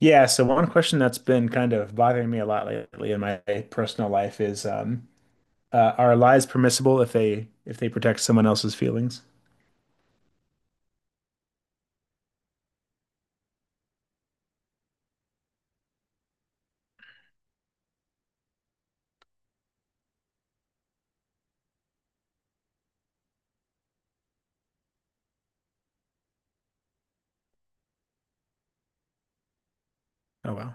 Yeah, so one question that's been kind of bothering me a lot lately in my personal life is are lies permissible if they protect someone else's feelings? Oh wow.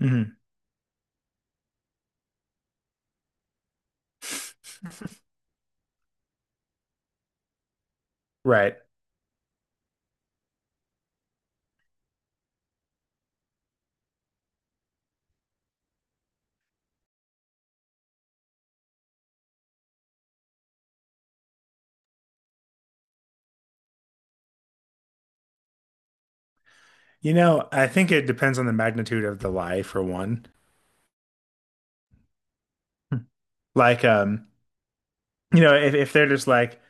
Hmm. Right. You know, I think it depends on the magnitude of the lie for one. Like you know, if they're just like,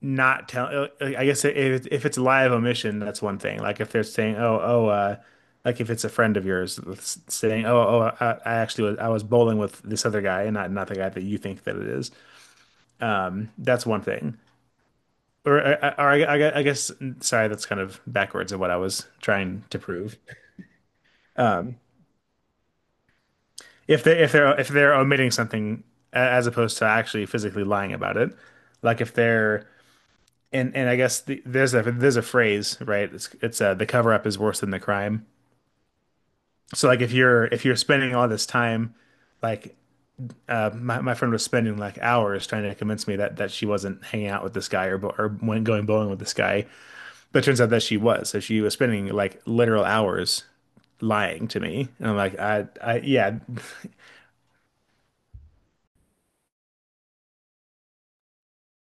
not tell I guess if it's live omission, that's one thing. Like if they're saying, "Oh, oh, like if it's a friend of yours saying, "Oh, oh, I actually was bowling with this other guy and not the guy that you think that it is." That's one thing. Or, or, or I guess sorry, that's kind of backwards of what I was trying to prove. Um, if they're omitting something as opposed to actually physically lying about it, like if they're and I guess there's a phrase, right? It's The cover up is worse than the crime. So like if you're spending all this time, like my my friend was spending like hours trying to convince me that she wasn't hanging out with this guy or bo- or went going bowling with this guy, but it turns out that she was. So she was spending like literal hours lying to me, and I'm like, I yeah,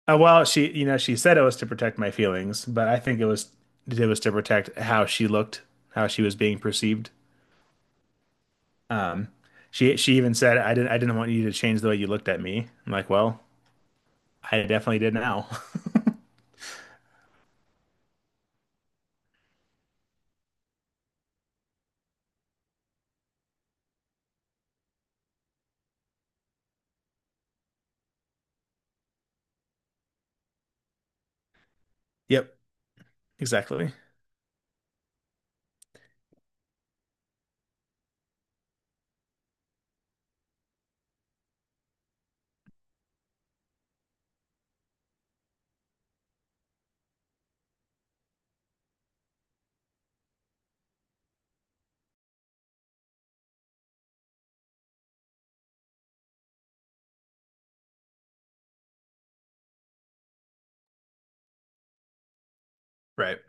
well she you know she said it was to protect my feelings, but I think it was to protect how she looked, how she was being perceived. Um, she even said, "I didn't want you to change the way you looked at me." I'm like, "Well, I definitely did now." Yep, exactly. Right.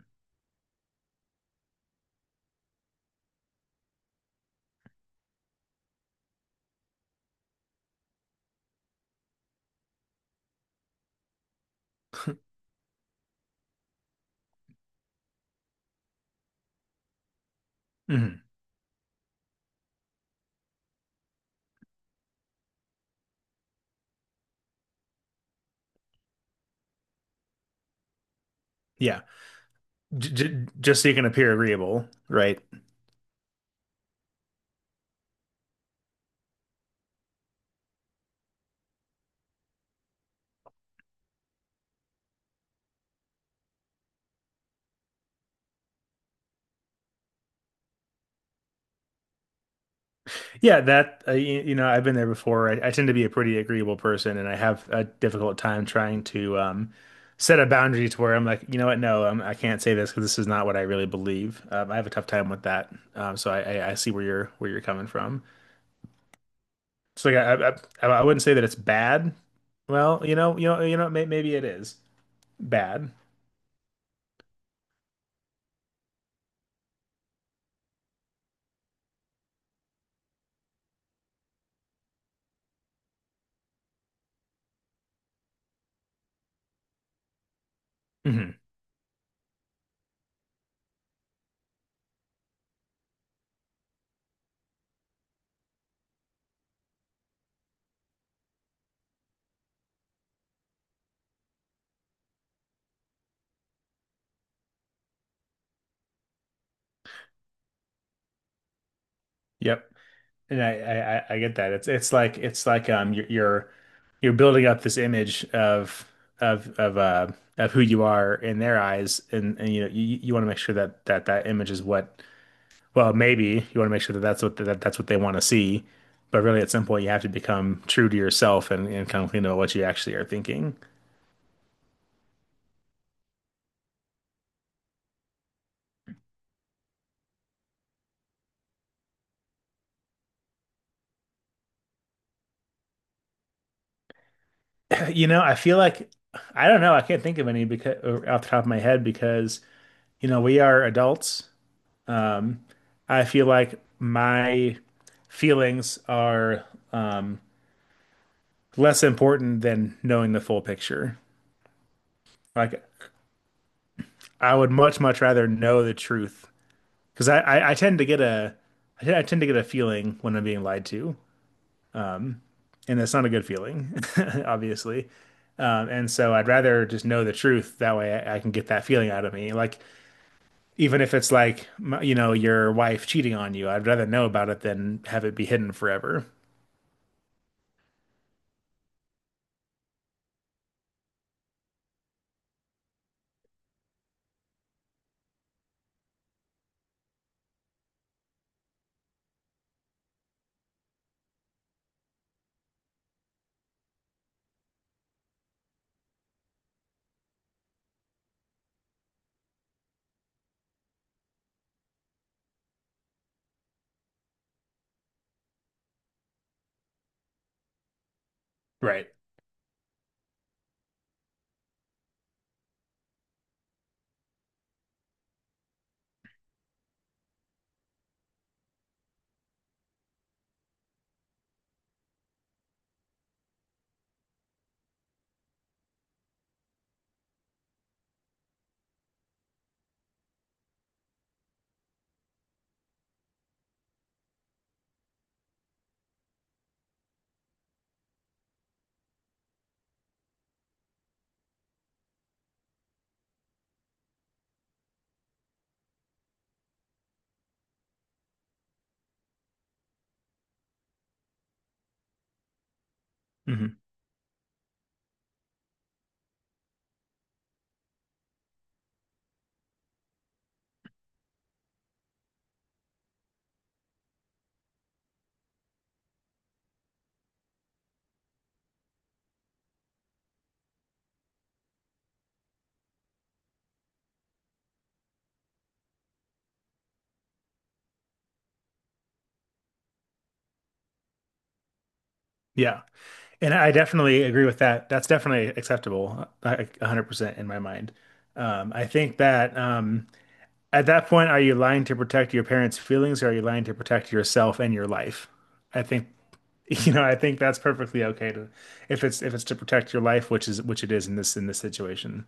Hmm. Yeah, just so you can appear agreeable, right? Yeah, that you, you know, I've been there before. I tend to be a pretty agreeable person, and I have a difficult time trying to set a boundary to where I'm like, you know what, no, I can't say this because this is not what I really believe. I have a tough time with that. So I see where you're coming from. So yeah, I wouldn't say that it's bad. Well, maybe it is bad. Hmm. Yep. And I get that. It's like you're building up this image of of of uh of who you are in their eyes, and you know you want to make sure that that image is what well maybe you want to make sure that that's what they want to see, but really at some point you have to become true to yourself and kind of clean up what you actually are thinking. You know, I feel like I don't know. I can't think of any because off the top of my head because you know we are adults. I feel like my feelings are less important than knowing the full picture. Like I would much rather know the truth because I tend to get a I tend to get a feeling when I'm being lied to, and that's not a good feeling, obviously. And so I'd rather just know the truth. That way I can get that feeling out of me. Like even if it's like, you know, your wife cheating on you, I'd rather know about it than have it be hidden forever. Right. Hmm. Yeah. And I definitely agree with that. That's definitely acceptable, I- 100% in my mind. I think that at that point, are you lying to protect your parents' feelings or are you lying to protect yourself and your life? I think, you know, I think that's perfectly okay to, if it's to protect your life, which is which it is in this situation.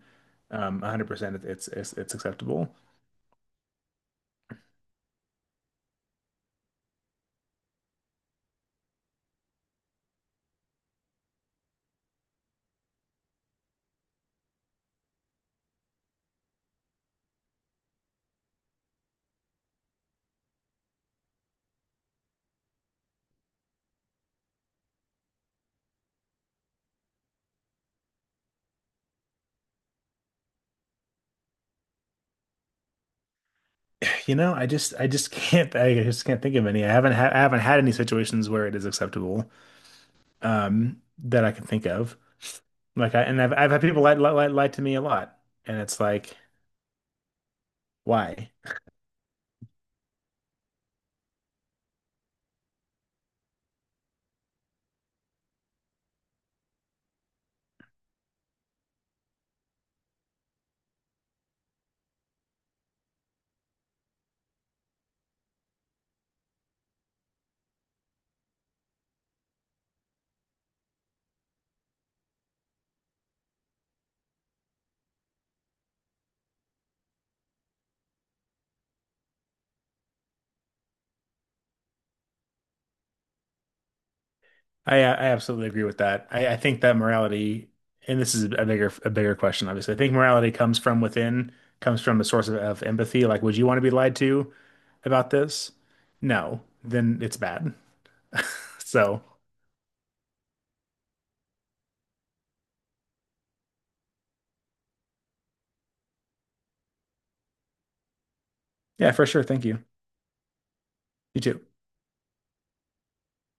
100%, it's acceptable. You know, I just can't I just can't think of any. I haven't had any situations where it is acceptable that I can think of. Like I and I've had people lie to me a lot and it's like why? I absolutely agree with that. I think that morality and this is a bigger question obviously. I think morality comes from within, comes from a source of empathy. Like would you want to be lied to about this? No, then it's bad. So, yeah, for sure. Thank you. You too.